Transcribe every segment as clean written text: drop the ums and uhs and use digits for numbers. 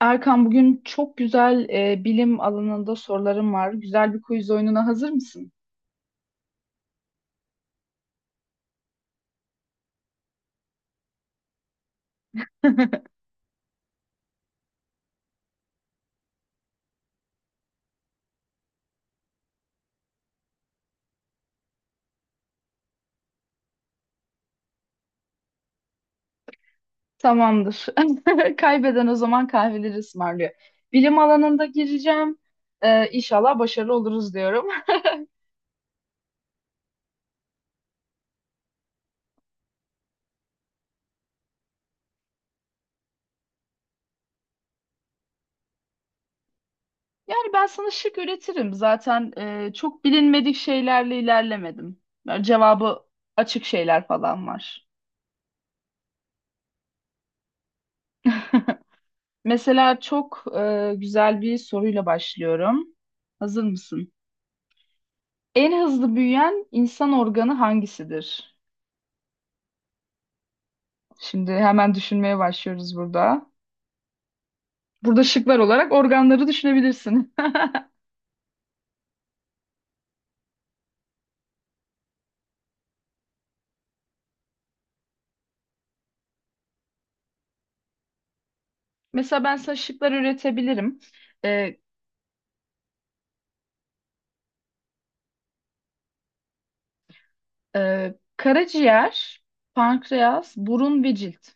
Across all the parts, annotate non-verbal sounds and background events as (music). Erkan bugün çok güzel bilim alanında sorularım var. Güzel bir quiz oyununa hazır mısın? Tamamdır. (laughs) Kaybeden o zaman kahveleri ısmarlıyor. Bilim alanında gireceğim. İnşallah başarılı oluruz diyorum. (laughs) Yani ben sana şık üretirim. Zaten çok bilinmedik şeylerle ilerlemedim. Yani cevabı açık şeyler falan var. Mesela çok güzel bir soruyla başlıyorum. Hazır mısın? En hızlı büyüyen insan organı hangisidir? Şimdi hemen düşünmeye başlıyoruz burada. Burada şıklar olarak organları düşünebilirsin. (laughs) Mesela ben sana şıklar üretebilirim. Ee, Karaciğer, pankreas, burun ve cilt.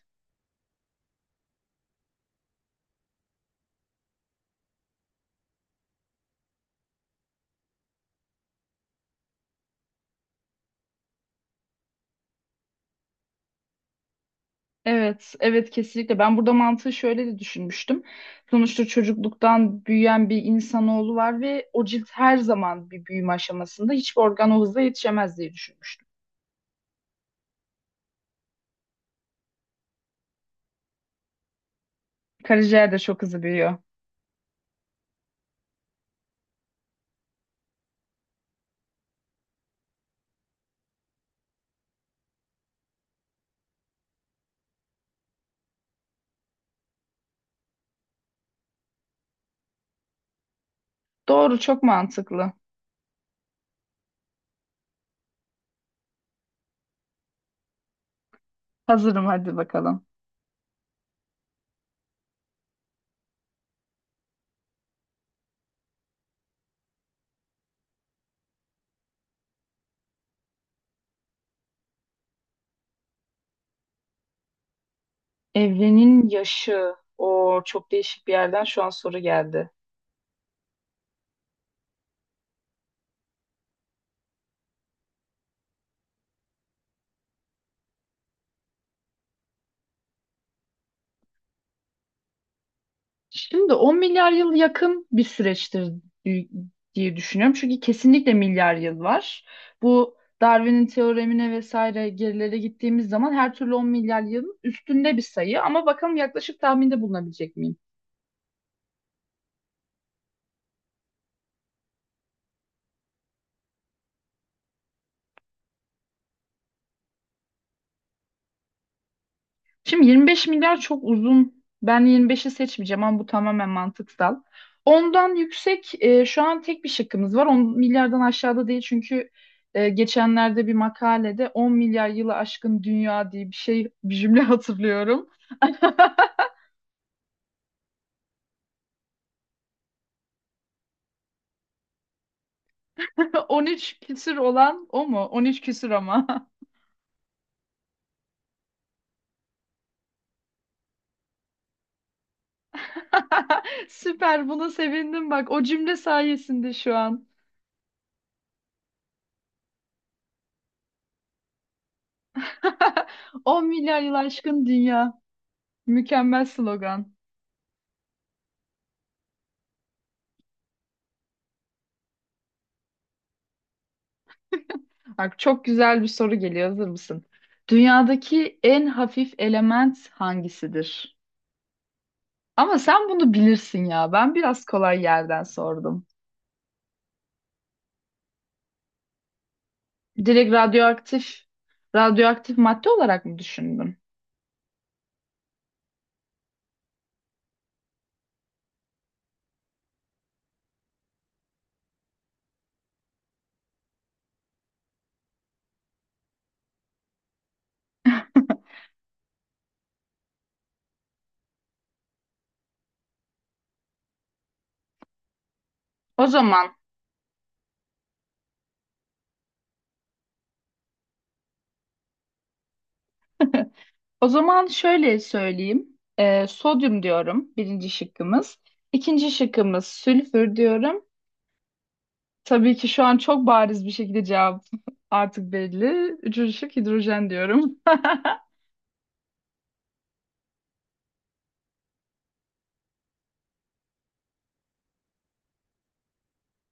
Evet, evet kesinlikle. Ben burada mantığı şöyle de düşünmüştüm. Sonuçta çocukluktan büyüyen bir insanoğlu var ve o cilt her zaman bir büyüme aşamasında hiçbir organ o hızla yetişemez diye düşünmüştüm. Karaciğer de çok hızlı büyüyor. Doğru, çok mantıklı. Hazırım, hadi bakalım. Evrenin yaşı. O çok değişik bir yerden şu an soru geldi. Şimdi 10 milyar yıl yakın bir süreçtir di- diye düşünüyorum. Çünkü kesinlikle milyar yıl var. Bu Darwin'in teoremine vesaire gerilere gittiğimiz zaman her türlü 10 milyar yılın üstünde bir sayı. Ama bakalım yaklaşık tahminde bulunabilecek miyim? Şimdi 25 milyar çok uzun. Ben 25'i seçmeyeceğim ama bu tamamen mantıksal. Ondan yüksek şu an tek bir şıkkımız var. 10 milyardan aşağıda değil çünkü geçenlerde bir makalede 10 milyar yılı aşkın dünya diye bir şey bir cümle (laughs) hatırlıyorum. 13 küsür olan o mu? 13 küsür ama. (laughs) Süper, buna sevindim bak, o cümle sayesinde şu an. (laughs) 10 milyar yıl aşkın dünya. Mükemmel slogan. Bak çok güzel bir soru geliyor. Hazır mısın? Dünyadaki en hafif element hangisidir? Ama sen bunu bilirsin ya. Ben biraz kolay yerden sordum. Direkt radyoaktif, radyoaktif madde olarak mı düşündün? O zaman, o zaman şöyle söyleyeyim. Sodyum diyorum birinci şıkkımız. İkinci şıkkımız sülfür diyorum. Tabii ki şu an çok bariz bir şekilde cevap (laughs) artık belli. Üçüncü şık hidrojen diyorum. (laughs)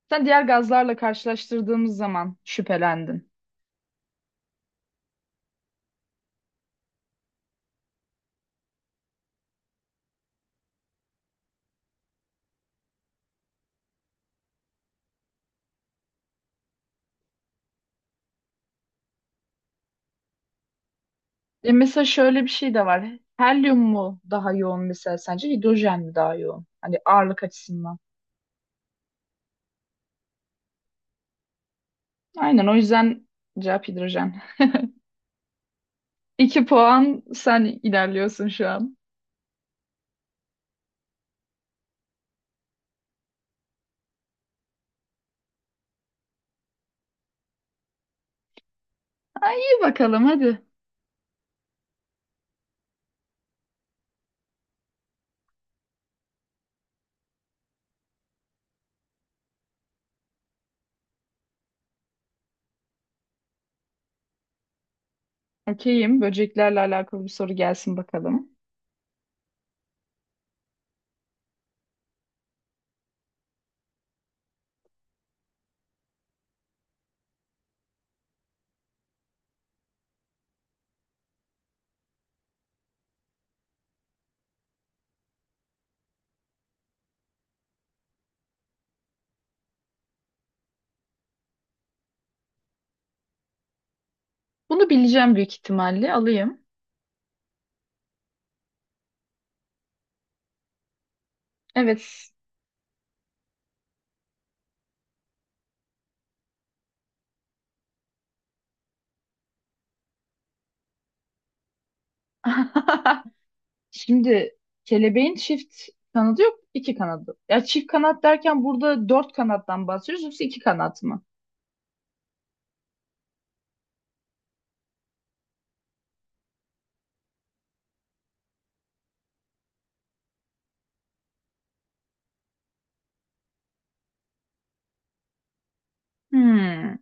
Sen diğer gazlarla karşılaştırdığımız zaman şüphelendin. E mesela şöyle bir şey de var. Helyum mu daha yoğun mesela sence? Hidrojen mi daha yoğun? Hani ağırlık açısından. Aynen, o yüzden cevap hidrojen. (laughs) İki puan, sen ilerliyorsun şu an. Ay, iyi bakalım hadi. Okeyim. Böceklerle alakalı bir soru gelsin bakalım. Bunu bileceğim büyük ihtimalle. Alayım. Evet. (laughs) Şimdi kelebeğin çift kanadı yok, iki kanadı. Ya çift kanat derken burada dört kanattan bahsediyoruz, yoksa iki kanat mı? Hmm.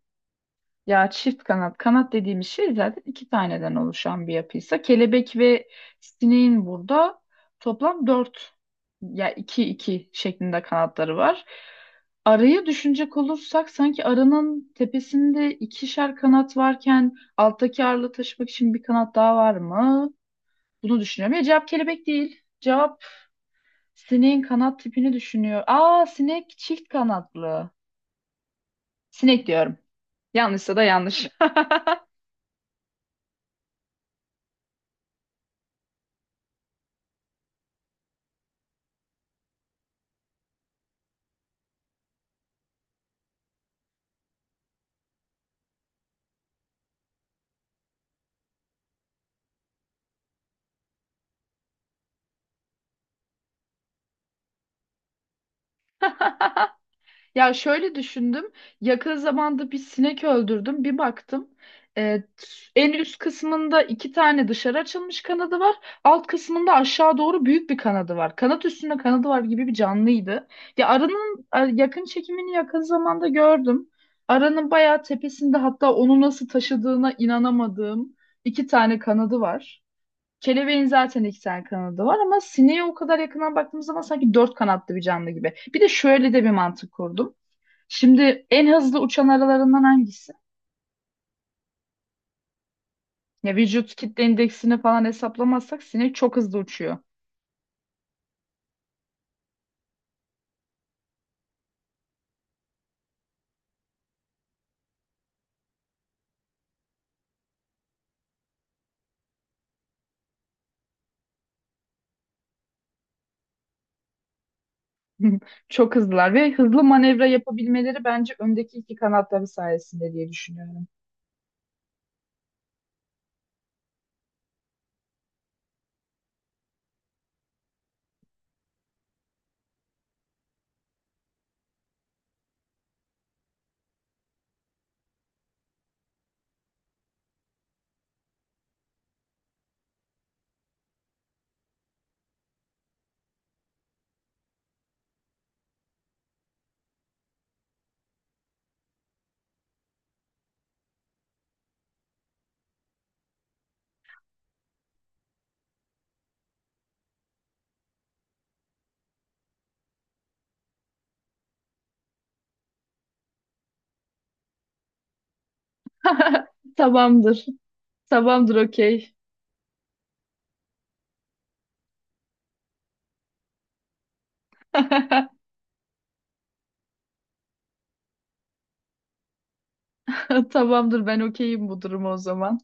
Ya çift kanat, kanat dediğimiz şey zaten iki taneden oluşan bir yapıysa kelebek ve sineğin burada toplam dört ya iki iki şeklinde kanatları var. Arayı düşünecek olursak sanki arının tepesinde ikişer kanat varken alttaki ağırlığı taşımak için bir kanat daha var mı? Bunu düşünüyorum. Ya cevap kelebek değil. Cevap sineğin kanat tipini düşünüyor. Aa, sinek çift kanatlı. Sinek diyorum. Yanlışsa da yanlış. (laughs) Ya şöyle düşündüm. Yakın zamanda bir sinek öldürdüm. Bir baktım. e, En üst kısmında iki tane dışarı açılmış kanadı var. Alt kısmında aşağı doğru büyük bir kanadı var. Kanat üstünde kanadı var gibi bir canlıydı. Ya yakın çekimini yakın zamanda gördüm. Aranın bayağı tepesinde hatta onu nasıl taşıdığına inanamadığım iki tane kanadı var. Kelebeğin zaten iki tane kanadı var ama sineğe o kadar yakından baktığımız zaman sanki dört kanatlı bir canlı gibi. Bir de şöyle de bir mantık kurdum. Şimdi en hızlı uçan aralarından hangisi? Ya vücut kitle indeksini falan hesaplamazsak sinek çok hızlı uçuyor. (laughs) Çok hızlılar ve hızlı manevra yapabilmeleri bence öndeki iki kanatları sayesinde diye düşünüyorum. (laughs) Tamamdır. Tamamdır, okey. (laughs) Tamamdır, ben okeyim bu duruma o zaman.